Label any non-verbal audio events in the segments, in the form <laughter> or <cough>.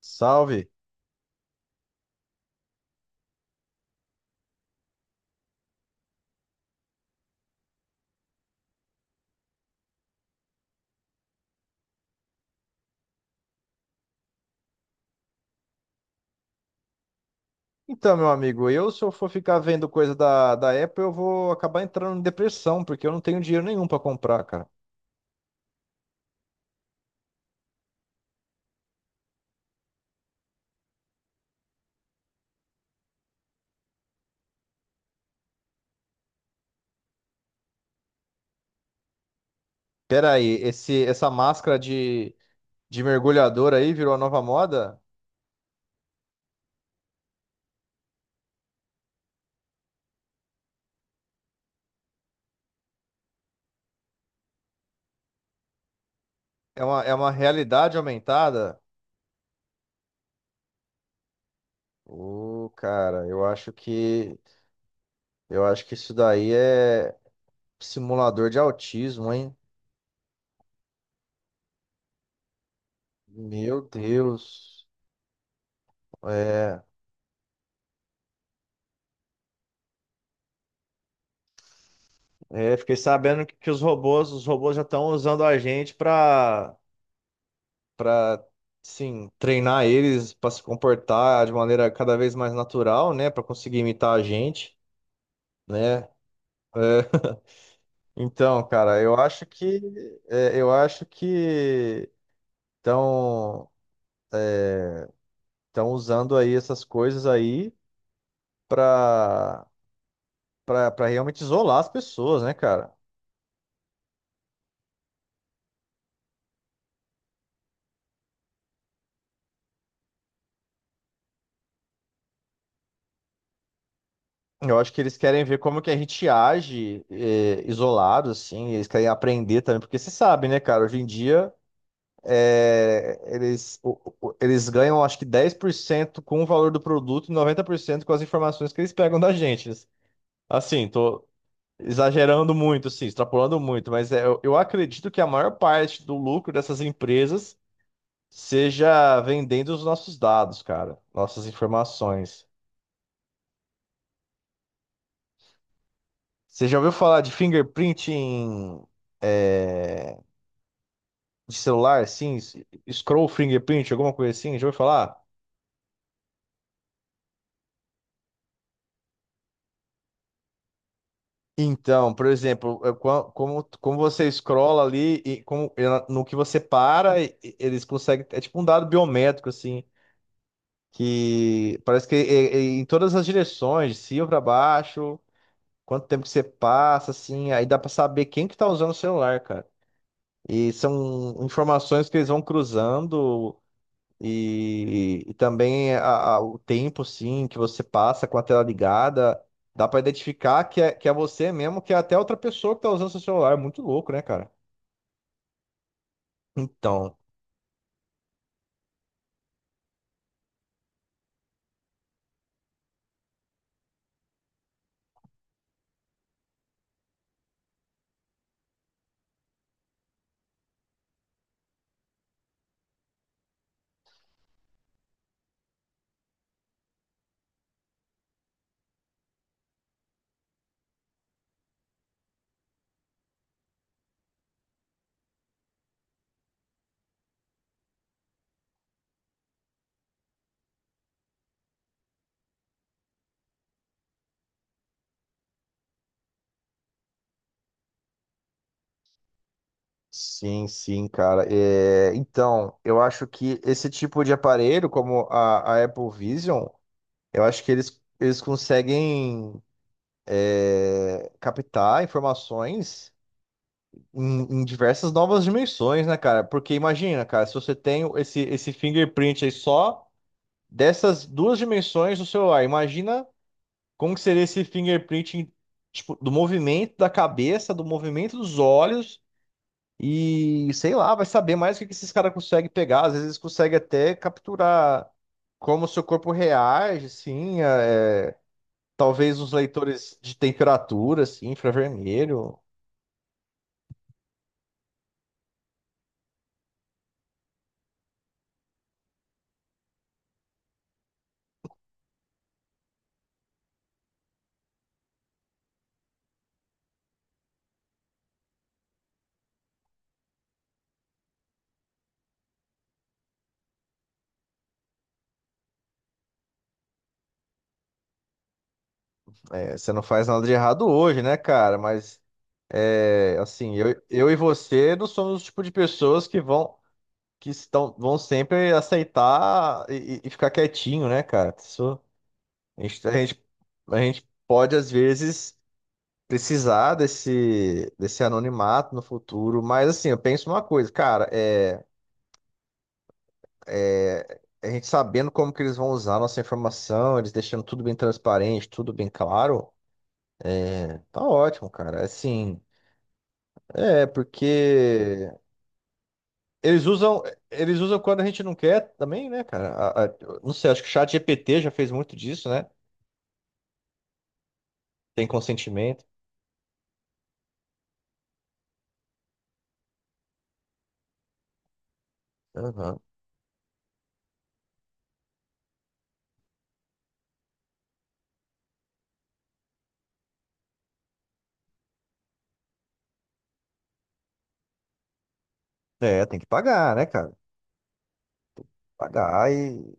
Salve. Então, meu amigo, eu se eu for ficar vendo coisa da Apple, eu vou acabar entrando em depressão, porque eu não tenho dinheiro nenhum para comprar, cara. Pera aí, essa máscara de mergulhador aí virou a nova moda? É uma realidade aumentada? Ô, cara, eu acho que isso daí é simulador de autismo, hein? Meu Deus. É, é, fiquei sabendo que os robôs, já estão usando a gente para, sim, treinar eles para se comportar de maneira cada vez mais natural, né, para conseguir imitar a gente, né? É, <laughs> então, cara, eu acho que é, eu acho que estão estão usando aí essas coisas aí para para realmente isolar as pessoas, né, cara? Eu acho que eles querem ver como que a gente age, é, isolado, assim. Eles querem aprender também, porque você sabe, né, cara? Hoje em dia eles ganham acho que 10% com o valor do produto e 90% com as informações que eles pegam da gente. Assim, tô exagerando muito, assim, extrapolando muito, mas eu acredito que a maior parte do lucro dessas empresas seja vendendo os nossos dados, cara, nossas informações. Você já ouviu falar de fingerprint em, é, de celular, sim? Scroll fingerprint, alguma coisa assim? Já ouviu falar? Então, por exemplo, como você scrolla ali e como, no que você para, eles conseguem. É tipo um dado biométrico, assim, que parece que é em todas as direções, de cima para baixo, quanto tempo que você passa, assim, aí dá para saber quem que tá usando o celular, cara. E são informações que eles vão cruzando. E também o tempo, sim, que você passa com a tela ligada, dá pra identificar que é você mesmo, que é até outra pessoa que tá usando seu celular. É muito louco, né, cara? Então, sim, sim, cara. É, então, eu acho que esse tipo de aparelho, como a Apple Vision, eu acho que eles conseguem captar informações em diversas novas dimensões, né, cara? Porque imagina, cara, se você tem esse fingerprint aí só dessas duas dimensões do celular. Imagina como que seria esse fingerprint, tipo, do movimento da cabeça, do movimento dos olhos e sei lá, vai saber mais o que que esses caras conseguem pegar. Às vezes eles conseguem até capturar como o seu corpo reage, assim, é, talvez os leitores de temperatura, assim, infravermelho. É, você não faz nada de errado hoje, né, cara? Mas assim, eu e você não somos o tipo de pessoas que vão sempre aceitar e ficar quietinho, né, cara? Isso, a gente, a gente, a gente pode, às vezes, precisar desse anonimato no futuro, mas assim, eu penso uma coisa, cara, a gente sabendo como que eles vão usar a nossa informação, eles deixando tudo bem transparente, tudo bem claro, tá ótimo, cara. Assim, porque eles usam, eles usam quando a gente não quer também, né, cara? Não sei, acho que o Chat GPT já fez muito disso, né? Tem consentimento. Aham. É, tem que pagar, né, cara? Pagar e.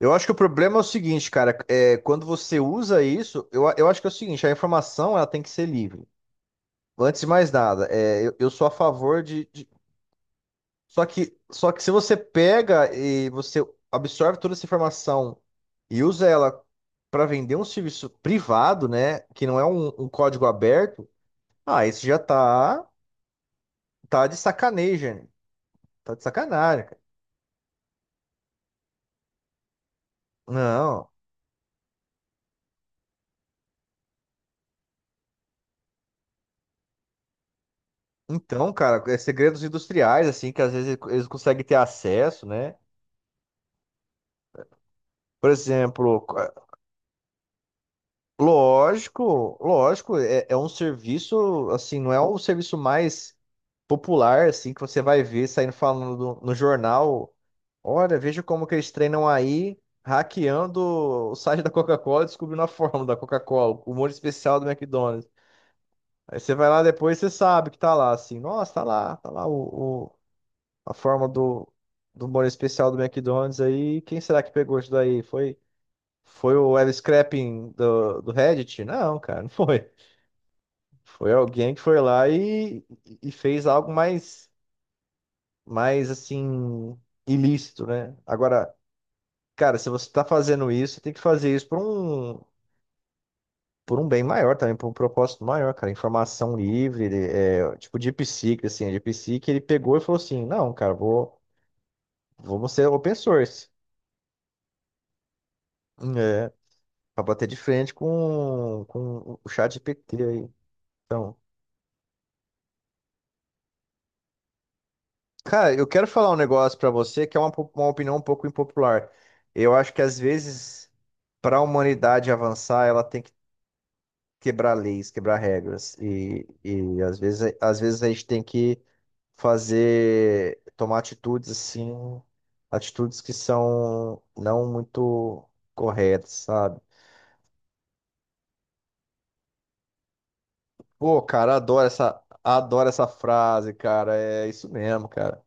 Eu acho que o problema é o seguinte, cara. É, quando você usa isso, eu acho que é o seguinte: a informação ela tem que ser livre. Antes de mais nada, eu sou a favor de. Só que se você pega e você absorve toda essa informação e usa ela para vender um serviço privado, né, que não é um código aberto, ah, isso já tá de sacanagem, né? Tá de sacanagem, cara. Não. Então, cara, é segredos industriais, assim, que às vezes eles conseguem ter acesso, né? Por exemplo, lógico, é um serviço, assim, não é o serviço mais popular, assim, que você vai ver saindo falando no jornal. Olha, veja como que eles treinam aí, hackeando o site da Coca-Cola, e descobrindo a fórmula da Coca-Cola, o molho especial do McDonald's. Aí você vai lá depois, você sabe que tá lá, assim, nossa, tá lá, a forma do molho especial do McDonald's aí. Quem será que pegou isso daí? Foi o L Scrapping do Reddit? Não, cara, não foi. Foi alguém que foi lá e fez algo mais assim, ilícito, né? Agora, cara, se você tá fazendo isso, você tem que fazer isso por um bem maior também, por um propósito maior, cara. Informação livre, tipo DeepSeek, assim, a DeepSeek, ele pegou e falou assim, não, cara, vamos ser open source. É. Pra bater de frente com o Chat GPT aí. Então, cara, eu quero falar um negócio pra você que é uma opinião um pouco impopular. Eu acho que às vezes, para a humanidade avançar, ela tem que quebrar leis, quebrar regras. E às vezes, a gente tem que fazer, tomar atitudes assim, atitudes que são não muito corretas, sabe? Pô, cara, adoro essa frase, cara. É isso mesmo, cara.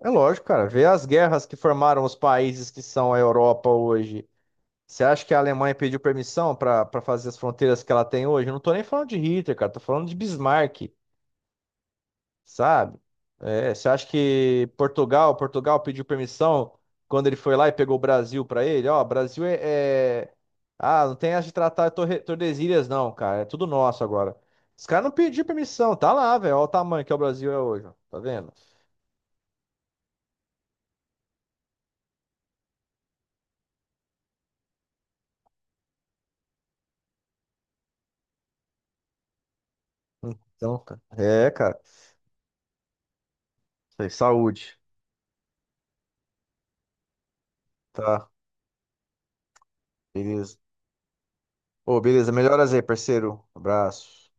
É lógico, cara. Vê as guerras que formaram os países que são a Europa hoje. Você acha que a Alemanha pediu permissão para fazer as fronteiras que ela tem hoje? Eu não tô nem falando de Hitler, cara. Tô falando de Bismarck, sabe? É, você acha que Portugal pediu permissão quando ele foi lá e pegou o Brasil para ele? Ó, Brasil é, ah, não tem essa de tratar Tordesilhas, não, cara. É tudo nosso agora. Os caras não pediram permissão. Tá lá, velho. Olha o tamanho que o Brasil é hoje, ó. Tá vendo? Então, cara. É, cara. Isso aí, saúde. Tá, beleza. Ô, beleza. Melhoras aí, parceiro. Abraço.